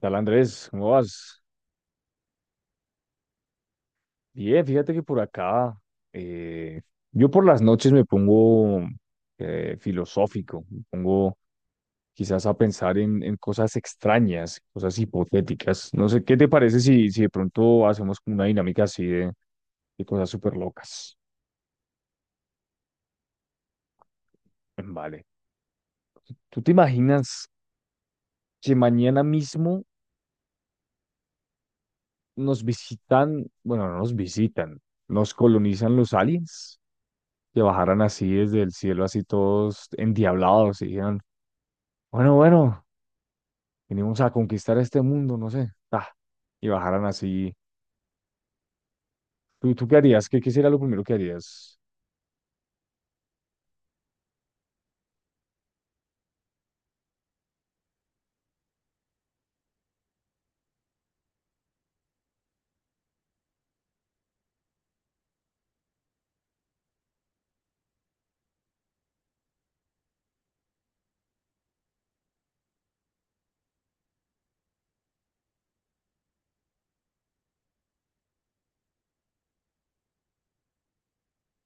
Tal Andrés, ¿cómo vas? Bien, fíjate que por acá, eh, yo por las noches me pongo filosófico, me pongo quizás a pensar en cosas extrañas, cosas hipotéticas. No sé, ¿qué te parece si de pronto hacemos como una dinámica así de cosas súper locas? Vale. ¿Tú te imaginas que mañana mismo nos visitan, bueno, no nos visitan, nos colonizan los aliens? Que bajaran así desde el cielo, así todos endiablados, y dijeran, bueno, bueno, venimos a conquistar este mundo, no sé. Ah, y bajaran así. ¿Tú qué harías? ¿Qué sería lo primero que harías?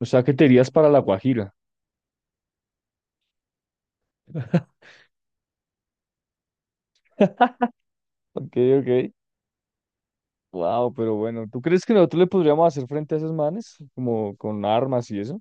O sea, ¿qué te irías para La Guajira. Ok, ok. Wow, pero bueno, ¿tú crees que nosotros le podríamos hacer frente a esos manes? Como con armas y eso.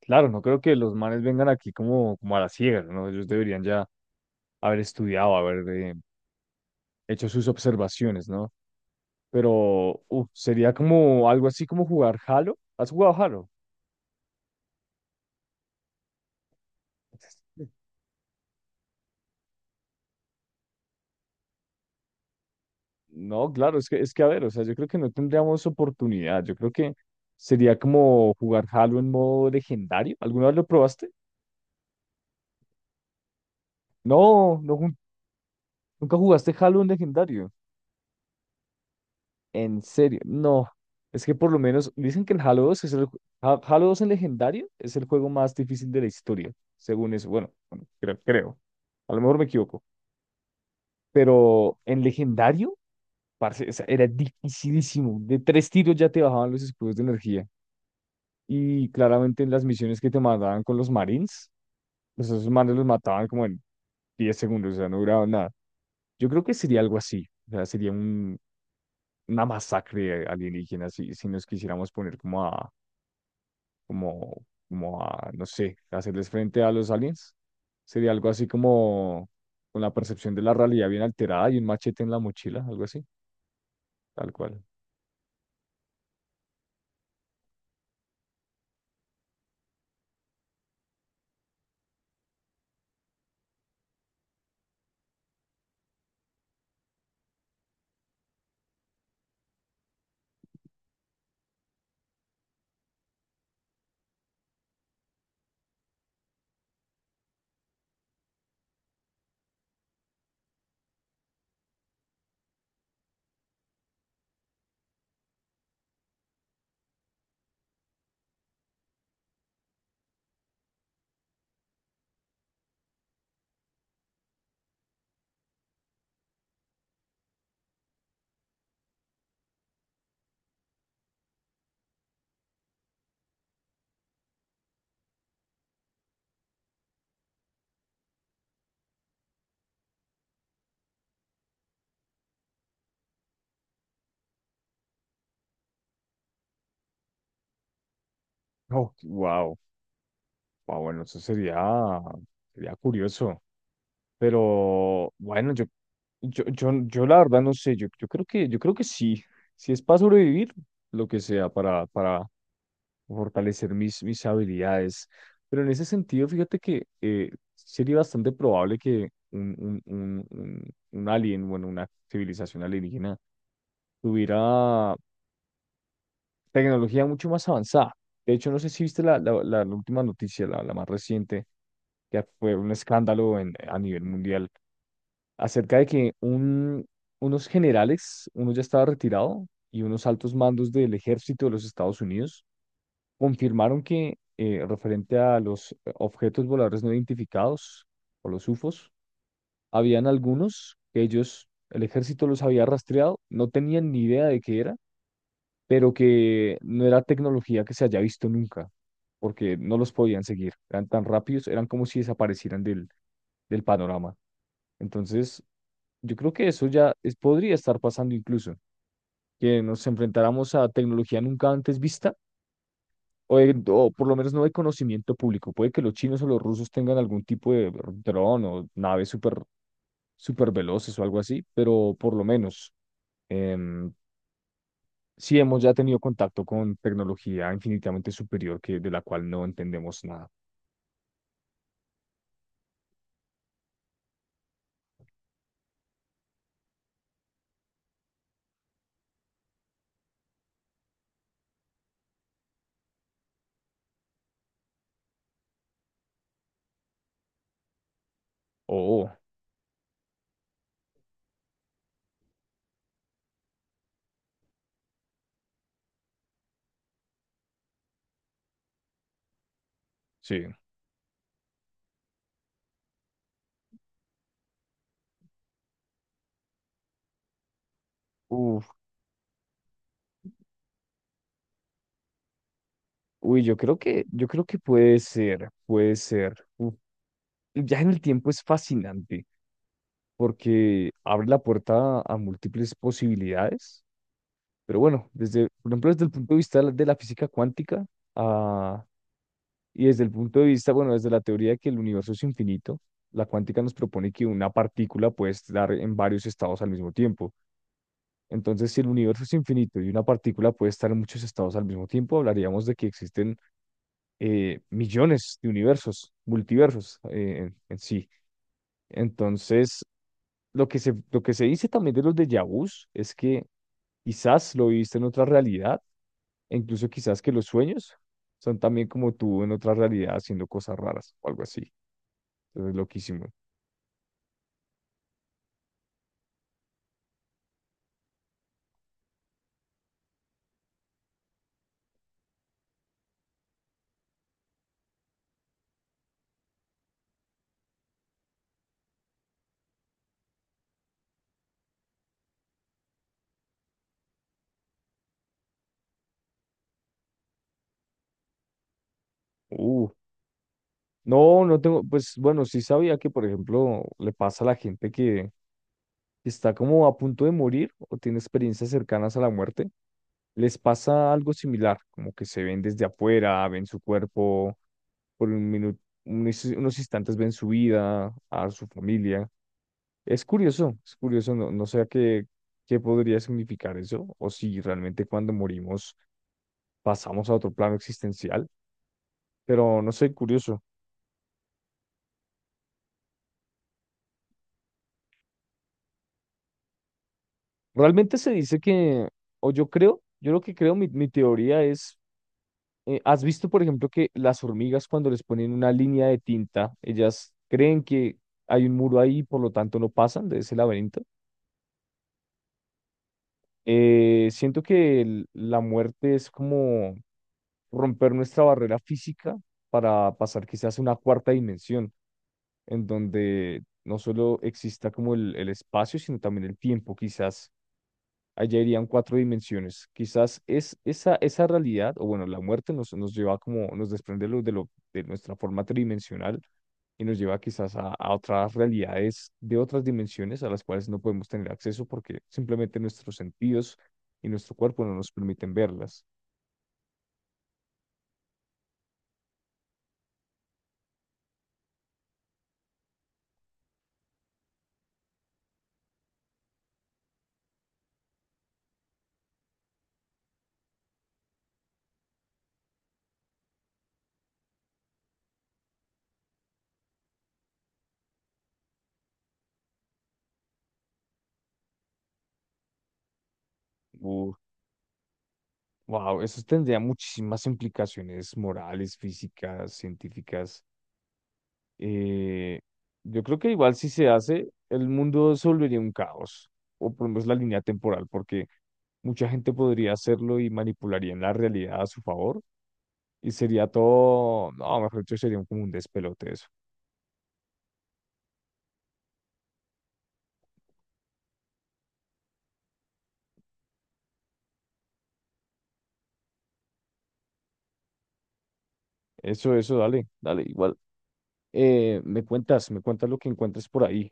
Claro, no creo que los manes vengan aquí como, como a la ciega, ¿no? Ellos deberían ya haber estudiado, haber hecho sus observaciones, ¿no? Pero uf, sería como algo así como jugar Halo. ¿Has jugado Halo? No, claro, es que a ver, o sea, yo creo que no tendríamos oportunidad. Yo creo que sería como jugar Halo en modo legendario. ¿Alguna vez lo probaste? No, no, nunca jugaste Halo en legendario. En serio, no. Es que por lo menos dicen que el Halo 2 es el Halo 2 en legendario es el juego más difícil de la historia, según eso. Bueno, bueno, creo. A lo mejor me equivoco. Pero en legendario, parce, o sea, era dificilísimo. De tres tiros ya te bajaban los escudos de energía. Y claramente en las misiones que te mandaban con los Marines, pues esos manes los mataban como en 10 segundos, o sea, no duraban nada. Yo creo que sería algo así, o sea, una masacre alienígena si nos quisiéramos poner como a, no sé, hacerles frente a los aliens. Sería algo así como con la percepción de la realidad bien alterada y un machete en la mochila, algo así, tal cual. Oh, wow, wow, bueno, sería curioso. Pero bueno, yo la verdad no sé, yo creo que sí, si es para sobrevivir, lo que sea, para fortalecer mis habilidades. Pero en ese sentido, fíjate que sería bastante probable que un alien, bueno, una civilización alienígena, tuviera tecnología mucho más avanzada. De hecho, no sé si viste la última noticia, la más reciente, que fue un escándalo en, a nivel mundial acerca de que unos generales, uno ya estaba retirado, y unos altos mandos del ejército de los Estados Unidos confirmaron que, referente a los objetos voladores no identificados, o los UFOs, habían algunos que ellos, el ejército los había rastreado, no tenían ni idea de qué era, pero que no era tecnología que se haya visto nunca, porque no los podían seguir, eran tan rápidos, eran como si desaparecieran del, del panorama. Entonces, yo creo que eso podría estar pasando incluso, que nos enfrentáramos a tecnología nunca antes vista, o, o por lo menos no de conocimiento público. Puede que los chinos o los rusos tengan algún tipo de dron o naves súper veloces o algo así, pero por lo menos em, sí hemos ya tenido contacto con tecnología infinitamente superior que, de la cual no entendemos nada. Oh, sí. Uf. Uy, yo creo que puede ser, puede ser. Uf, ya en el tiempo es fascinante. Porque abre la puerta a múltiples posibilidades. Pero bueno, desde, por ejemplo, desde el punto de vista de la física cuántica, ah, y desde el punto de vista, bueno, desde la teoría de que el universo es infinito, la cuántica nos propone que una partícula puede estar en varios estados al mismo tiempo. Entonces, si el universo es infinito y una partícula puede estar en muchos estados al mismo tiempo, hablaríamos de que existen millones de universos, multiversos en sí. Entonces, lo que se dice también de los déjà vus es que quizás lo viviste en otra realidad, e incluso quizás que los sueños son también como tú en otra realidad haciendo cosas raras o algo así. Entonces, loquísimo. Uh, no, no tengo, pues bueno, sí sabía que, por ejemplo, le pasa a la gente que está como a punto de morir o tiene experiencias cercanas a la muerte, les pasa algo similar, como que se ven desde afuera, ven su cuerpo por un minuto, unos instantes ven su vida, a su familia. Es curioso, no, no sé a qué, qué podría significar eso, o si realmente cuando morimos pasamos a otro plano existencial, pero no sé, curioso. Realmente se dice que, o yo creo, yo lo que creo, mi teoría es, ¿has visto, por ejemplo, que las hormigas cuando les ponen una línea de tinta, ellas creen que hay un muro ahí, por lo tanto no pasan de ese laberinto? Siento que la muerte es como romper nuestra barrera física para pasar quizás a una cuarta dimensión, en donde no solo exista como el espacio, sino también el tiempo, quizás allá irían cuatro dimensiones. Quizás es esa, esa realidad, o bueno, la muerte nos lleva como, nos desprende de nuestra forma tridimensional y nos lleva quizás a otras realidades de otras dimensiones a las cuales no podemos tener acceso porque simplemente nuestros sentidos y nuestro cuerpo no nos permiten verlas. Uf, wow, eso tendría muchísimas implicaciones morales, físicas, científicas. Eh, yo creo que igual si se hace, el mundo se volvería un caos, o por lo menos la línea temporal, porque mucha gente podría hacerlo y manipularía la realidad a su favor, y sería todo, no, mejor dicho, como un despelote eso. Eso, dale, dale, igual. Me cuentas lo que encuentres por ahí.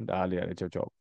Dale, dale, chao, chao.